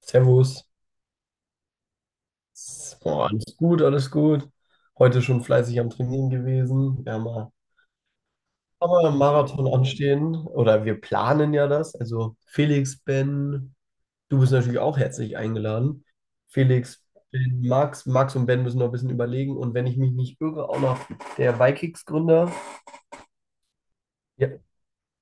Servus. Boah, alles gut, alles gut. Heute schon fleißig am Trainieren gewesen. Wir haben mal haben wir einen Marathon anstehen, oder wir planen ja das. Also Felix, Ben, du bist natürlich auch herzlich eingeladen. Felix, Ben, Max, Max und Ben müssen noch ein bisschen überlegen. Und wenn ich mich nicht irre, auch noch der Vikings-Gründer. Ja,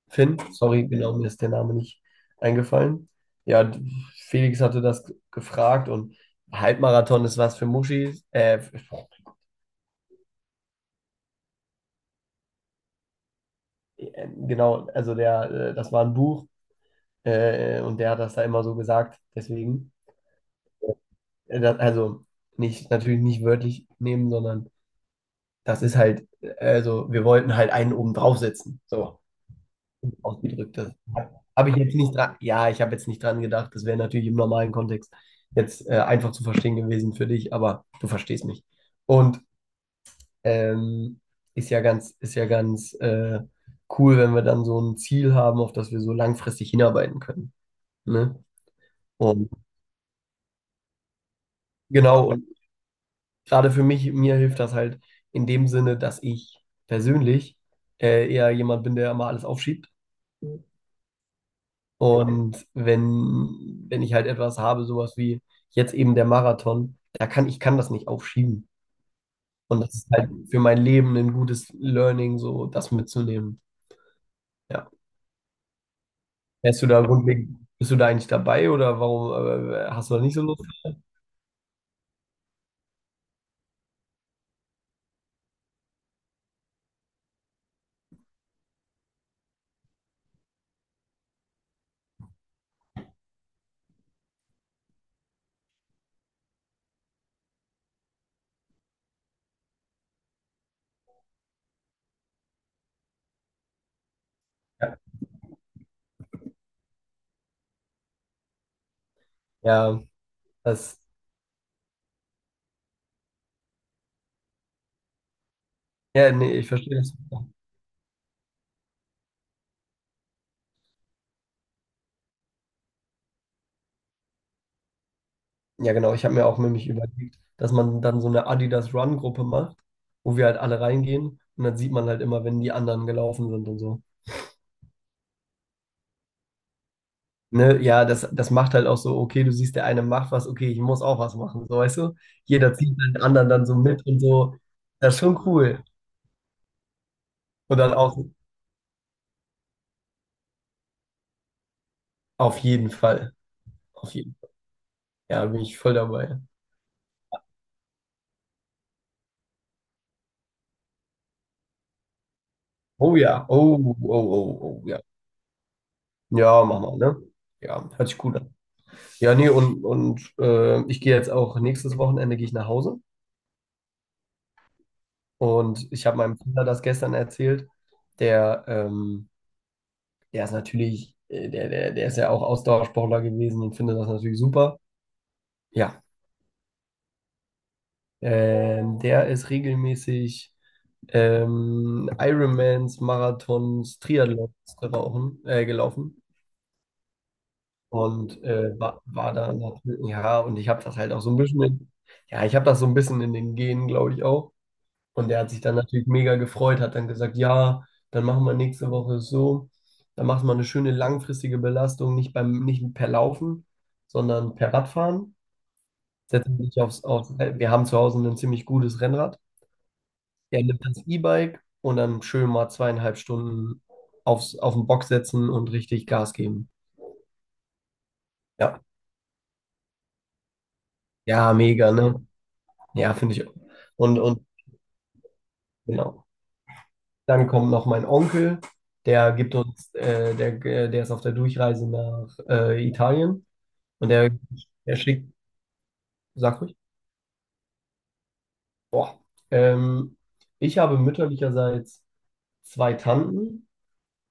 Finn, sorry, genau, mir ist der Name nicht eingefallen. Ja, Felix hatte das gefragt und Halbmarathon ist was für Muschis. Genau, das war ein Buch, und der hat das da immer so gesagt. Deswegen, das, also nicht, natürlich nicht wörtlich nehmen, sondern das ist halt, also wir wollten halt einen oben draufsetzen. So, ausgedrückt. Das habe ich jetzt nicht dran, ja, ich habe jetzt nicht dran gedacht. Das wäre natürlich im normalen Kontext jetzt einfach zu verstehen gewesen für dich, aber du verstehst mich. Und ähm, ist ja ganz cool, wenn wir dann so ein Ziel haben, auf das wir so langfristig hinarbeiten können. Ne? Und genau, und gerade für mich, mir hilft das halt in dem Sinne, dass ich persönlich eher jemand bin, der immer alles aufschiebt. Und wenn ich halt etwas habe, sowas wie jetzt eben der Marathon, da kann ich kann das nicht aufschieben. Und das ist halt für mein Leben ein gutes Learning, so das mitzunehmen. Ja. Bist du da eigentlich dabei oder warum hast du da nicht so Lust? Ja, das, ja, nee, ich verstehe das. Ja, genau. Ich habe mir auch nämlich überlegt, dass man dann so eine Adidas Run-Gruppe macht, wo wir halt alle reingehen und dann sieht man halt immer, wenn die anderen gelaufen sind und so. Ne? Ja, das, das macht halt auch so, okay, du siehst, der eine macht was, okay, ich muss auch was machen, so weißt du? Jeder zieht halt den anderen dann so mit und so. Das ist schon cool. Und dann auch auf jeden Fall. Auf jeden Fall. Ja, bin ich voll dabei. Oh ja, oh, oh, oh, oh, ja. Ja, mach mal, ne? Ja, hört sich gut an. Ja, nee, ich gehe jetzt auch nächstes Wochenende gehe ich nach Hause. Und ich habe meinem Bruder das gestern erzählt. Der, der ist natürlich, der ist ja auch Ausdauersportler gewesen und findet das natürlich super. Ja, der ist regelmäßig Ironmans, Marathons, Triathlons gelaufen und war da natürlich, ja, und ich habe das halt auch so ein bisschen in, ja, ich habe das so ein bisschen in den Genen, glaube ich, auch. Und der hat sich dann natürlich mega gefreut, hat dann gesagt, ja, dann machen wir nächste Woche so. Dann macht man eine schöne langfristige Belastung, nicht per Laufen, sondern per Radfahren. Setzt sich wir haben zu Hause ein ziemlich gutes Rennrad. Er nimmt das E-Bike und dann schön mal zweieinhalb Stunden auf den Bock setzen und richtig Gas geben. Ja. Ja, mega, ne? Ja, finde ich. Und, und genau. Dann kommt noch mein Onkel, der ist auf der Durchreise nach Italien und der schickt, sag ruhig, boah, ähm, ich habe mütterlicherseits zwei Tanten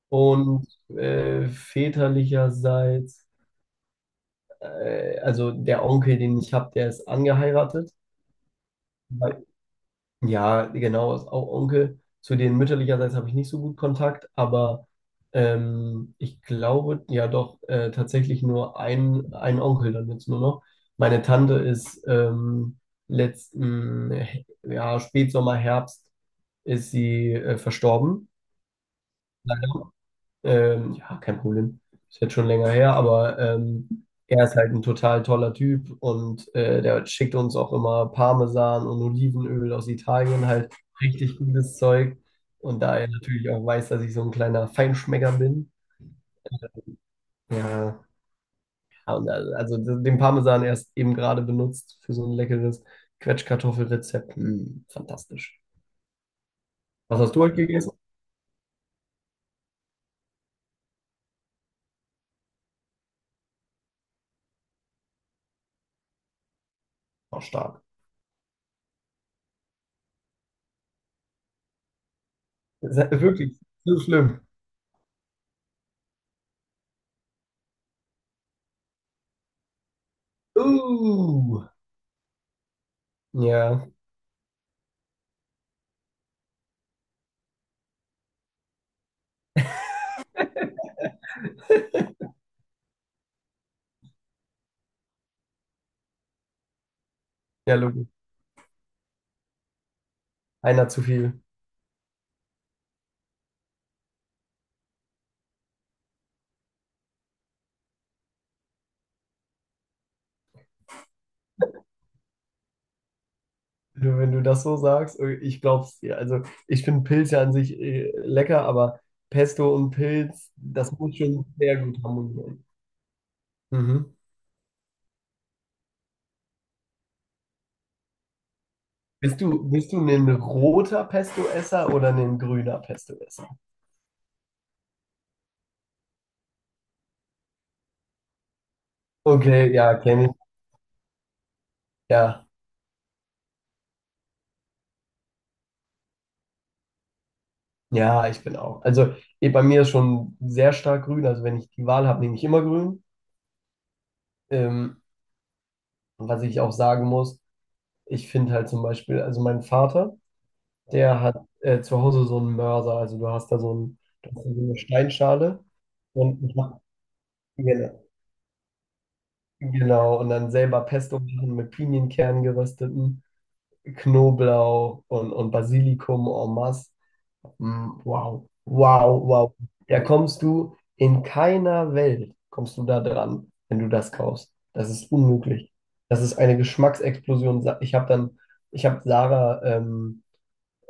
und väterlicherseits, also der Onkel, den ich habe, der ist angeheiratet. Ja, genau, ist auch Onkel. Zu denen mütterlicherseits habe ich nicht so gut Kontakt, aber ich glaube ja doch tatsächlich nur ein Onkel dann jetzt nur noch. Meine Tante ist ja, Spätsommer, Herbst ist sie verstorben. Ja, kein Problem. Ist jetzt schon länger her, aber er ist halt ein total toller Typ und der schickt uns auch immer Parmesan und Olivenöl aus Italien, halt richtig gutes Zeug. Und da er natürlich auch weiß, dass ich so ein kleiner Feinschmecker bin. Ja, ja, und also den Parmesan erst eben gerade benutzt für so ein leckeres Quetschkartoffelrezept. Mm, fantastisch. Was hast du heute gegessen? Auch stark. Das ist wirklich so schlimm. Uh, ja, ja, Lukas. Einer zu viel. Du- Wenn du das so sagst, ich glaub's dir. Also ich finde Pilze an sich lecker, aber Pesto und Pilz, das muss schon sehr gut harmonieren. Mhm. Bist du ein roter Pesto-Esser oder ein grüner Pesto-Esser? Okay, ja, kenne ich. Ja, ja, ich bin auch. Also eh, bei mir ist schon sehr stark grün. Also wenn ich die Wahl habe, nehme ich immer grün. Ähm, was ich auch sagen muss, ich finde halt zum Beispiel, also mein Vater, der hat zu Hause so einen Mörser. Also du hast da so eine Steinschale und ein paar- genau, genau, und dann selber Pesto machen mit Pinienkernen gerösteten, Knoblauch und Basilikum en masse. Mm, wow, wow, wow. Da kommst du in keiner Welt, kommst du da dran, wenn du das kaufst. Das ist unmöglich. Das ist eine Geschmacksexplosion. Ich habe Sarah ähm,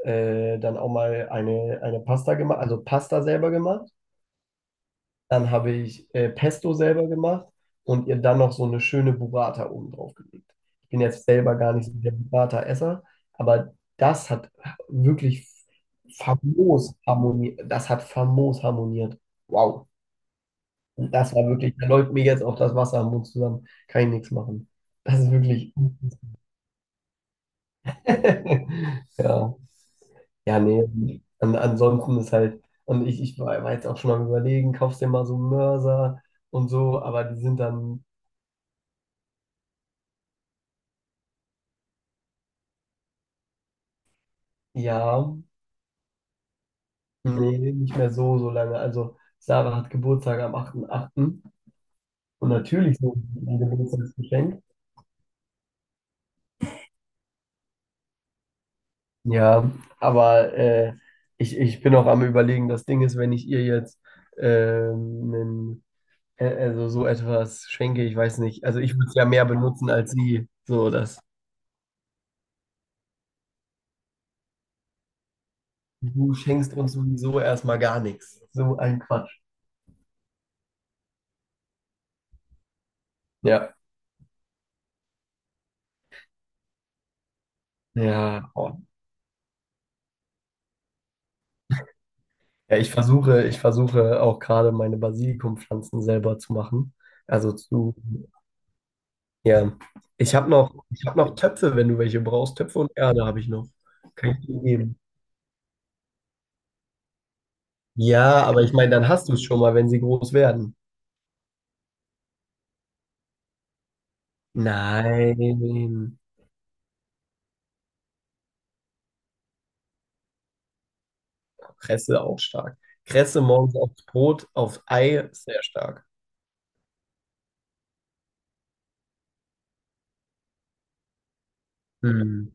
äh, dann auch mal eine Pasta gemacht, also Pasta selber gemacht. Dann habe ich Pesto selber gemacht und ihr dann noch so eine schöne Burrata oben drauf gelegt. Ich bin jetzt selber gar nicht so der Burrata-Esser, aber das hat wirklich famos harmoniert. Das hat famos harmoniert. Wow. Und das war wirklich, da läuft mir jetzt auch das Wasser am Mund zusammen. Kann ich nichts machen. Das ist wirklich Ja. Ja, nee. Ansonsten ist halt, und ich war jetzt auch schon mal am überlegen, kaufst dir mal so Mörser und so, aber die sind dann, ja, nee, nicht mehr so, so lange. Also Sarah hat Geburtstag am 8.8. und natürlich so ein Geburtstagsgeschenk. Ja, aber ich bin auch am Überlegen, das Ding ist, wenn ich ihr jetzt ähm, nen- also so etwas schenke, ich weiß nicht, also ich würde es ja mehr benutzen als sie, so das. Du schenkst uns sowieso erstmal gar nichts. So ein Quatsch. Ja, ja. Oh. Ja, ich versuche auch gerade meine Basilikumpflanzen selber zu machen. Also zu, ja. Ich habe noch Töpfe, wenn du welche brauchst. Töpfe und Erde habe ich noch. Kann ich dir geben. Ja, aber ich meine, dann hast du es schon mal, wenn sie groß werden. Nein. Kresse auch stark. Kresse morgens aufs Brot, aufs Ei, sehr stark. Mhm.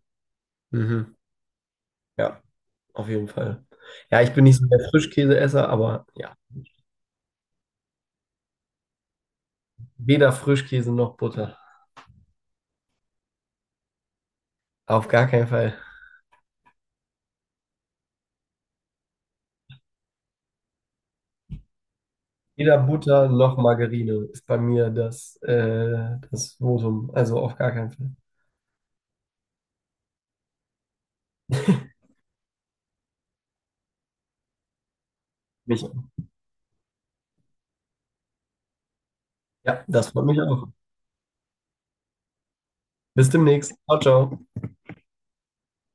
Mhm. Ja. Auf jeden Fall. Ja, ich bin nicht so der Frischkäseesser, aber ja, weder Frischkäse noch Butter. Auf gar keinen Fall. Weder Butter noch Margarine ist bei mir das, das Votum. Also auf gar keinen Fall. Mich Ja, das freut mich auch. Bis demnächst. Ciao, ciao.